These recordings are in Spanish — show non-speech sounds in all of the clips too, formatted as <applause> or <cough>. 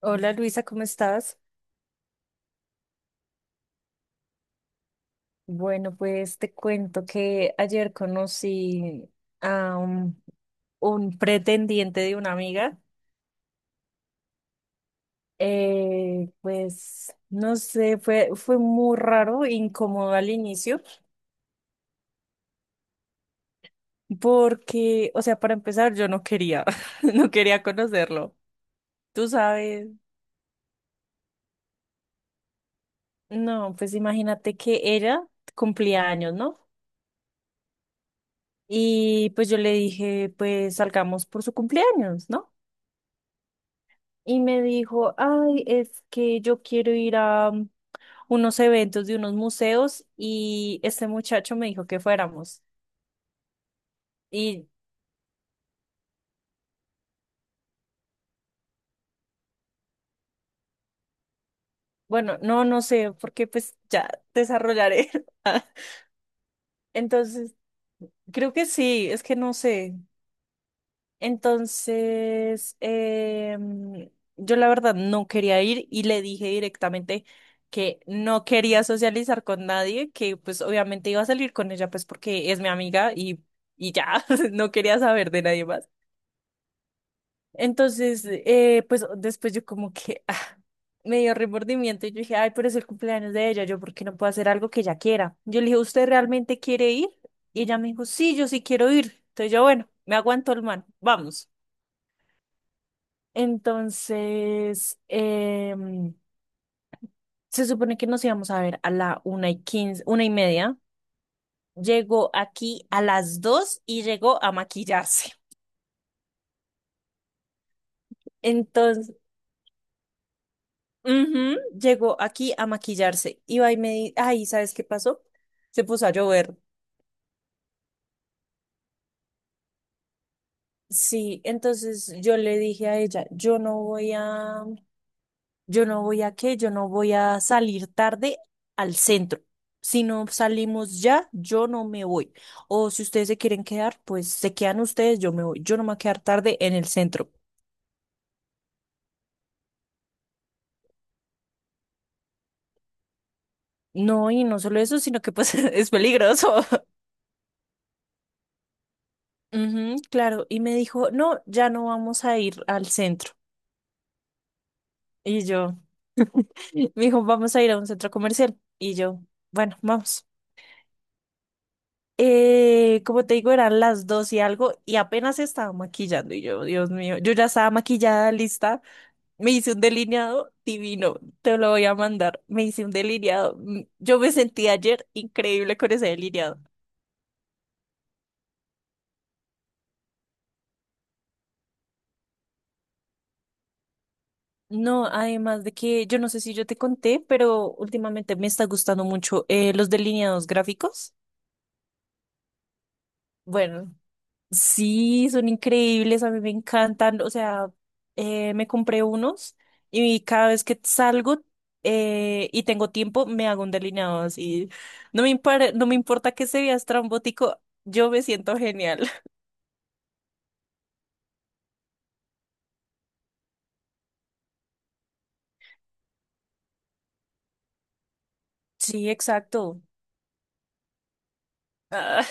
Hola Luisa, ¿cómo estás? Bueno, pues te cuento que ayer conocí a un, un pretendiente de una amiga. Pues no sé, fue muy raro, incómodo al inicio, porque, o sea, para empezar, yo no quería, <laughs> no quería conocerlo. Tú sabes, no, pues imagínate que ella cumplía años, ¿no? Y pues yo le dije, pues salgamos por su cumpleaños, ¿no? Y me dijo, ay, es que yo quiero ir a unos eventos de unos museos y este muchacho me dijo que fuéramos. Y bueno, no, no sé, porque pues ya desarrollaré. <laughs> Entonces, creo que sí, es que no sé. Entonces, yo la verdad no quería ir y le dije directamente que no quería socializar con nadie, que pues obviamente iba a salir con ella pues porque es mi amiga y ya, <laughs> no quería saber de nadie más. Entonces, pues después yo como que ah, me dio remordimiento y yo dije, ay, pero es el cumpleaños de ella, yo por qué no puedo hacer algo que ella quiera. Yo le dije, ¿usted realmente quiere ir? Y ella me dijo, sí, yo sí quiero ir. Entonces yo, bueno, me aguanto el man, vamos. Entonces, se supone que nos íbamos a ver a la una y quince, una y media. Llegó aquí a las dos y llegó a maquillarse. Entonces, ujú, llegó aquí a maquillarse. Iba y me di, ay, ¿sabes qué pasó? Se puso a llover. Sí, entonces yo le dije a ella, yo no voy a qué, yo no voy a salir tarde al centro. Si no salimos ya, yo no me voy. O si ustedes se quieren quedar, pues se quedan ustedes, yo me voy. Yo no me voy a quedar tarde en el centro. No, y no solo eso, sino que pues <laughs> es peligroso. <laughs> Ujú, claro, y me dijo, no, ya no vamos a ir al centro. Y yo, <laughs> me dijo, vamos a ir a un centro comercial. Y yo, bueno, vamos. Como te digo, eran las dos y algo y apenas estaba maquillando y yo, Dios mío, yo ya estaba maquillada, lista. Me hice un delineado divino, te lo voy a mandar. Me hice un delineado. Yo me sentí ayer increíble con ese delineado. No, además de que yo no sé si yo te conté, pero últimamente me está gustando mucho los delineados gráficos. Bueno, sí, son increíbles, a mí me encantan. O sea, me compré unos y cada vez que salgo y tengo tiempo, me hago un delineado así. No me importa que se vea estrambótico, yo me siento genial. <laughs> Sí, exacto. Ah,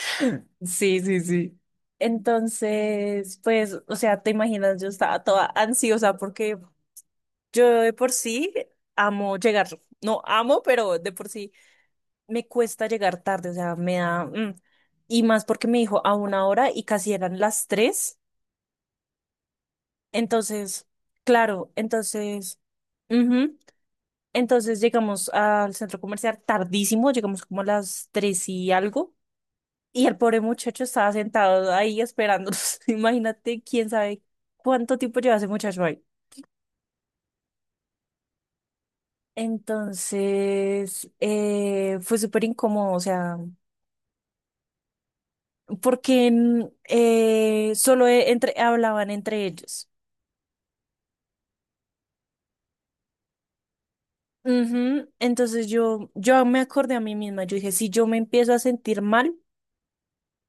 <laughs> sí, sí, sí. Entonces, pues, o sea, te imaginas, yo estaba toda ansiosa porque yo de por sí amo llegar. No amo, pero de por sí me cuesta llegar tarde, o sea, me da... Y más porque me dijo a una hora y casi eran las tres. Entonces, claro, entonces, ujú, entonces llegamos al centro comercial tardísimo, llegamos como a las tres y algo. Y el pobre muchacho estaba sentado ahí esperándonos. <laughs> Imagínate quién sabe cuánto tiempo lleva ese muchacho ahí. Entonces, fue súper incómodo, o sea, porque entre, hablaban entre ellos. Ujú, entonces yo me acordé a mí misma, yo dije, si yo me empiezo a sentir mal,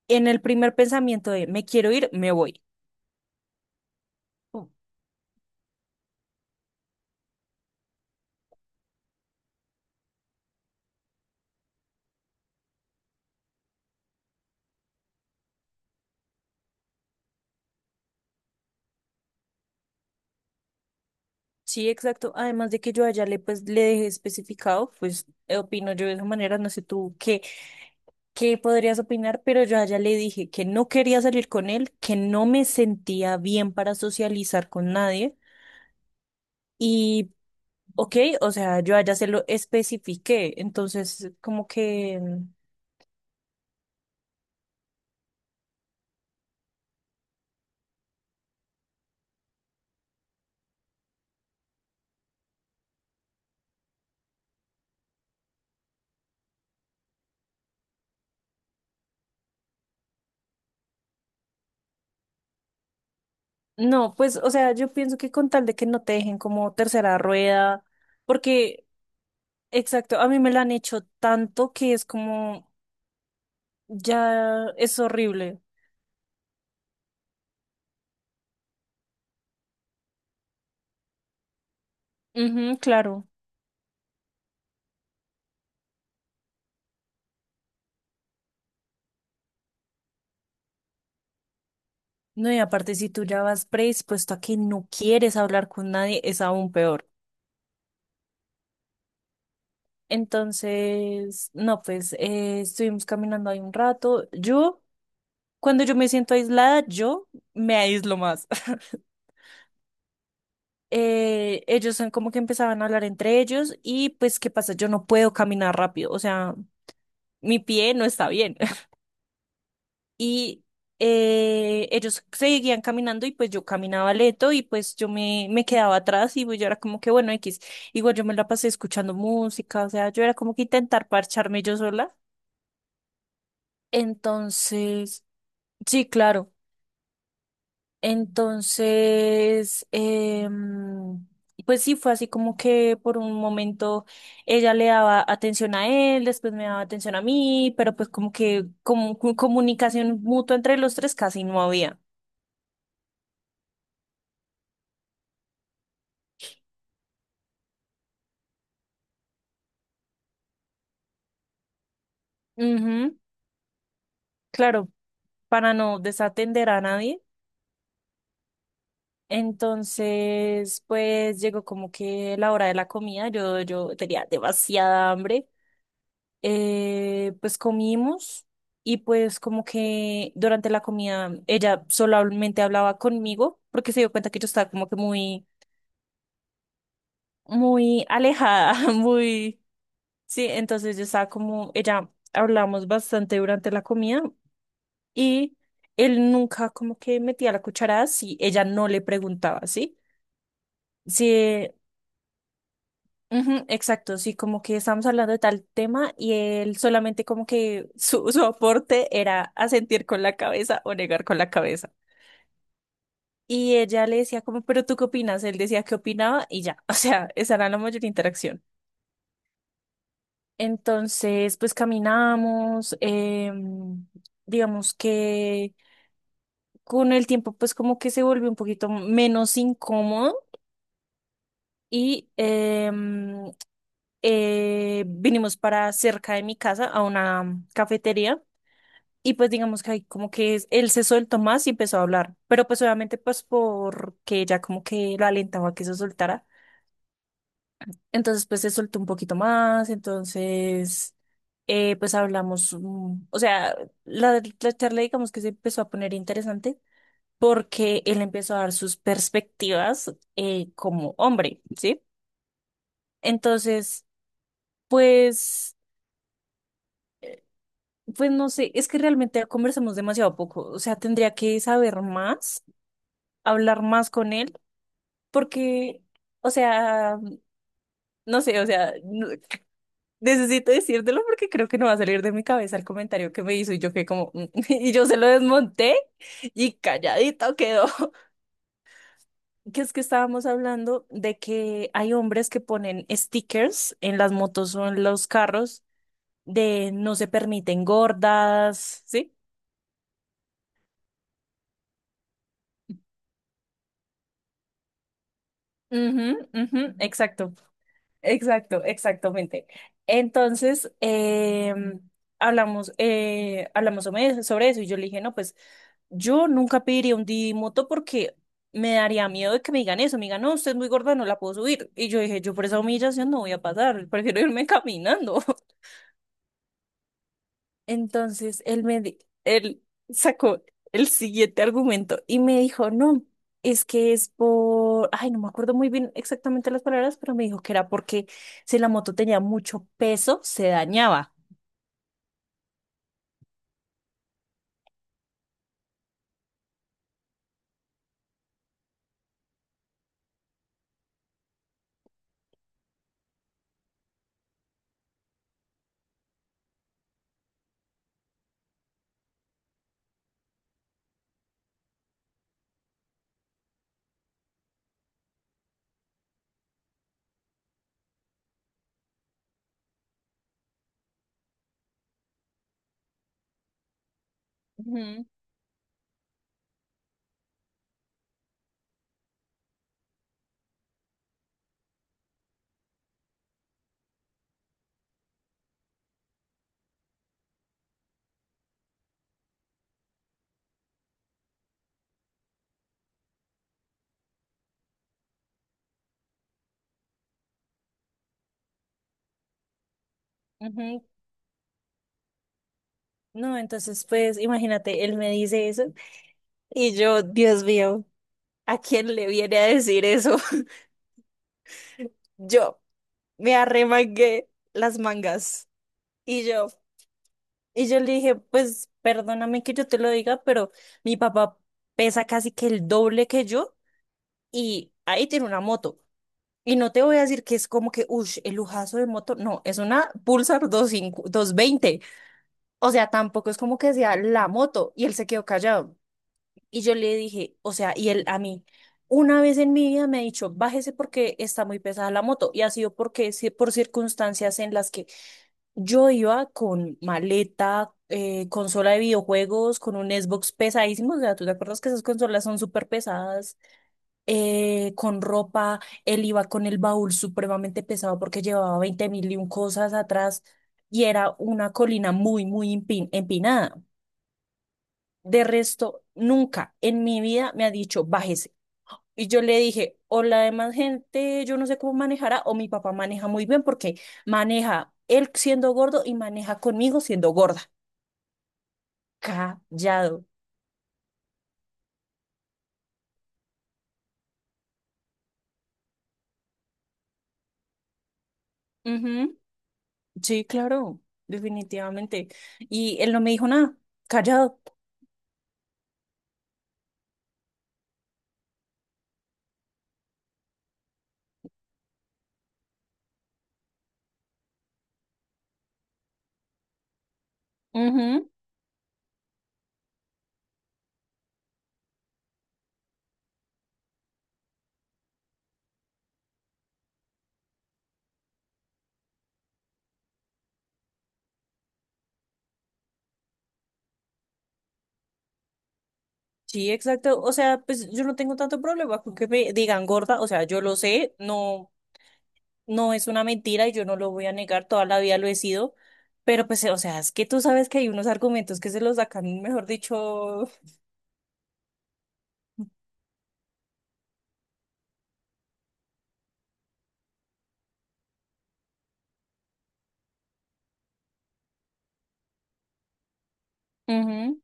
en el primer pensamiento de me quiero ir, me voy. Pum. Sí, exacto. Además de que yo allá le pues le dejé especificado, pues opino yo de esa manera, no sé tú qué qué podrías opinar, pero yo a ella le dije que no quería salir con él, que no me sentía bien para socializar con nadie y, ok, o sea, yo a ella se lo especifiqué, entonces como que, no, pues, o sea, yo pienso que con tal de que no te dejen como tercera rueda, porque, exacto, a mí me la han hecho tanto que es como, ya es horrible. Ujú, claro. No, y aparte si tú ya vas predispuesto a que no quieres hablar con nadie, es aún peor. Entonces, no, pues estuvimos caminando ahí un rato. Yo, cuando yo me siento aislada, yo me aíslo más. <laughs> Ellos son como que empezaban a hablar entre ellos y pues, ¿qué pasa? Yo no puedo caminar rápido, o sea, mi pie no está bien. <laughs> Y ellos seguían caminando y pues yo caminaba lento y pues me quedaba atrás y pues, yo era como que, bueno, X, igual yo me la pasé escuchando música, o sea, yo era como que intentar parcharme yo sola. Entonces... Sí, claro. Entonces, pues sí, fue así como que por un momento ella le daba atención a él, después me daba atención a mí, pero pues como que como, comunicación mutua entre los tres casi no había. Ujú, claro, para no desatender a nadie. Entonces, pues llegó como que la hora de la comida, yo tenía demasiada hambre. Pues comimos y pues como que durante la comida ella solamente hablaba conmigo porque se dio cuenta que yo estaba como que muy, muy alejada, <laughs> muy, sí, entonces yo estaba como, ella hablamos bastante durante la comida y él nunca como que metía la cuchara si ella no le preguntaba, ¿sí? Sí, ujú, exacto, sí, como que estamos hablando de tal tema y él solamente como que su aporte era asentir con la cabeza o negar con la cabeza. Y ella le decía como, pero ¿tú qué opinas? Él decía que opinaba y ya, <laughs> o sea, esa era la mayor interacción. Entonces, pues caminamos, digamos que con el tiempo pues como que se volvió un poquito menos incómodo y vinimos para cerca de mi casa a una cafetería. Y pues digamos que ahí como que él se soltó más y empezó a hablar, pero pues obviamente pues porque ella como que lo alentaba a que se soltara, entonces pues se soltó un poquito más, entonces pues hablamos, o sea, la charla digamos que se empezó a poner interesante porque él empezó a dar sus perspectivas como hombre, ¿sí? Entonces, pues, pues no sé, es que realmente conversamos demasiado poco, o sea, tendría que saber más, hablar más con él. Porque, o sea, no sé, o sea, necesito decírtelo porque creo que no va a salir de mi cabeza el comentario que me hizo y yo que como, "Mm", <laughs> y yo se lo desmonté y calladito quedó. <laughs> Que es que estábamos hablando de que hay hombres que ponen stickers en las motos o en los carros de no se permiten gordas, ¿sí? Ujú, ujú, exacto. Exacto, exactamente. Entonces, hablamos, sobre eso y yo le dije, no, pues yo nunca pediría un Didi Moto porque me daría miedo de que me digan eso. Me digan, no, usted es muy gorda, no la puedo subir. Y yo dije, yo por esa humillación no voy a pasar, prefiero irme <laughs> caminando. Entonces él me di- él sacó el siguiente argumento y me dijo, no, es que es por, ay, no me acuerdo muy bien exactamente las palabras, pero me dijo que era porque si la moto tenía mucho peso, se dañaba. Ujú, ujú. No, entonces pues imagínate, él me dice eso y yo, Dios mío, ¿a quién le viene a decir eso? <laughs> Yo me arremangué las mangas y yo... Y yo le dije, pues perdóname que yo te lo diga, pero mi papá pesa casi que el doble que yo y ahí tiene una moto. Y no te voy a decir que es como que, uff, el lujazo de moto. No, es una Pulsar 25 veinte. O sea, tampoco es como que sea la moto. Y él se quedó callado. Y yo le dije, o sea, y él a mí, una vez en mi vida me ha dicho, bájese porque está muy pesada la moto. Y ha sido porque, sí, por circunstancias en las que yo iba con maleta, consola de videojuegos, con un Xbox pesadísimo. O sea, ¿tú te acuerdas que esas consolas son súper pesadas? Con ropa, él iba con el baúl supremamente pesado porque llevaba 20 mil y un cosas atrás y era una colina muy empinada. De resto, nunca en mi vida me ha dicho, bájese. Y yo le dije, o la demás gente, yo no sé cómo manejará, o mi papá maneja muy bien porque maneja él siendo gordo y maneja conmigo siendo gorda. Callado. Ujú. Sí, claro, definitivamente. Y él no me dijo nada, callado. Ujú. Sí, exacto. O sea, pues yo no tengo tanto problema con que me digan gorda. O sea, yo lo sé, no, no es una mentira y yo no lo voy a negar, toda la vida lo he sido. Pero pues, o sea, es que tú sabes que hay unos argumentos que se los sacan, mejor dicho. Ujú.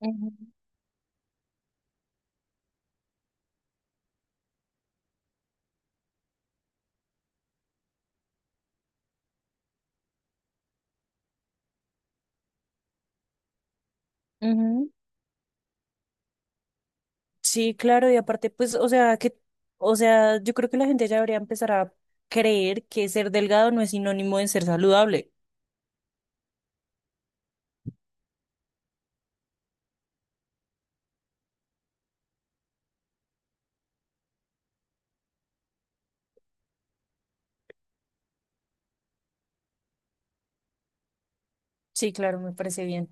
Ujú. Ujú. Sí, claro, y aparte, pues, o sea, que, o sea, yo creo que la gente ya debería empezar a creer que ser delgado no es sinónimo de ser saludable. Sí, claro, me parece bien.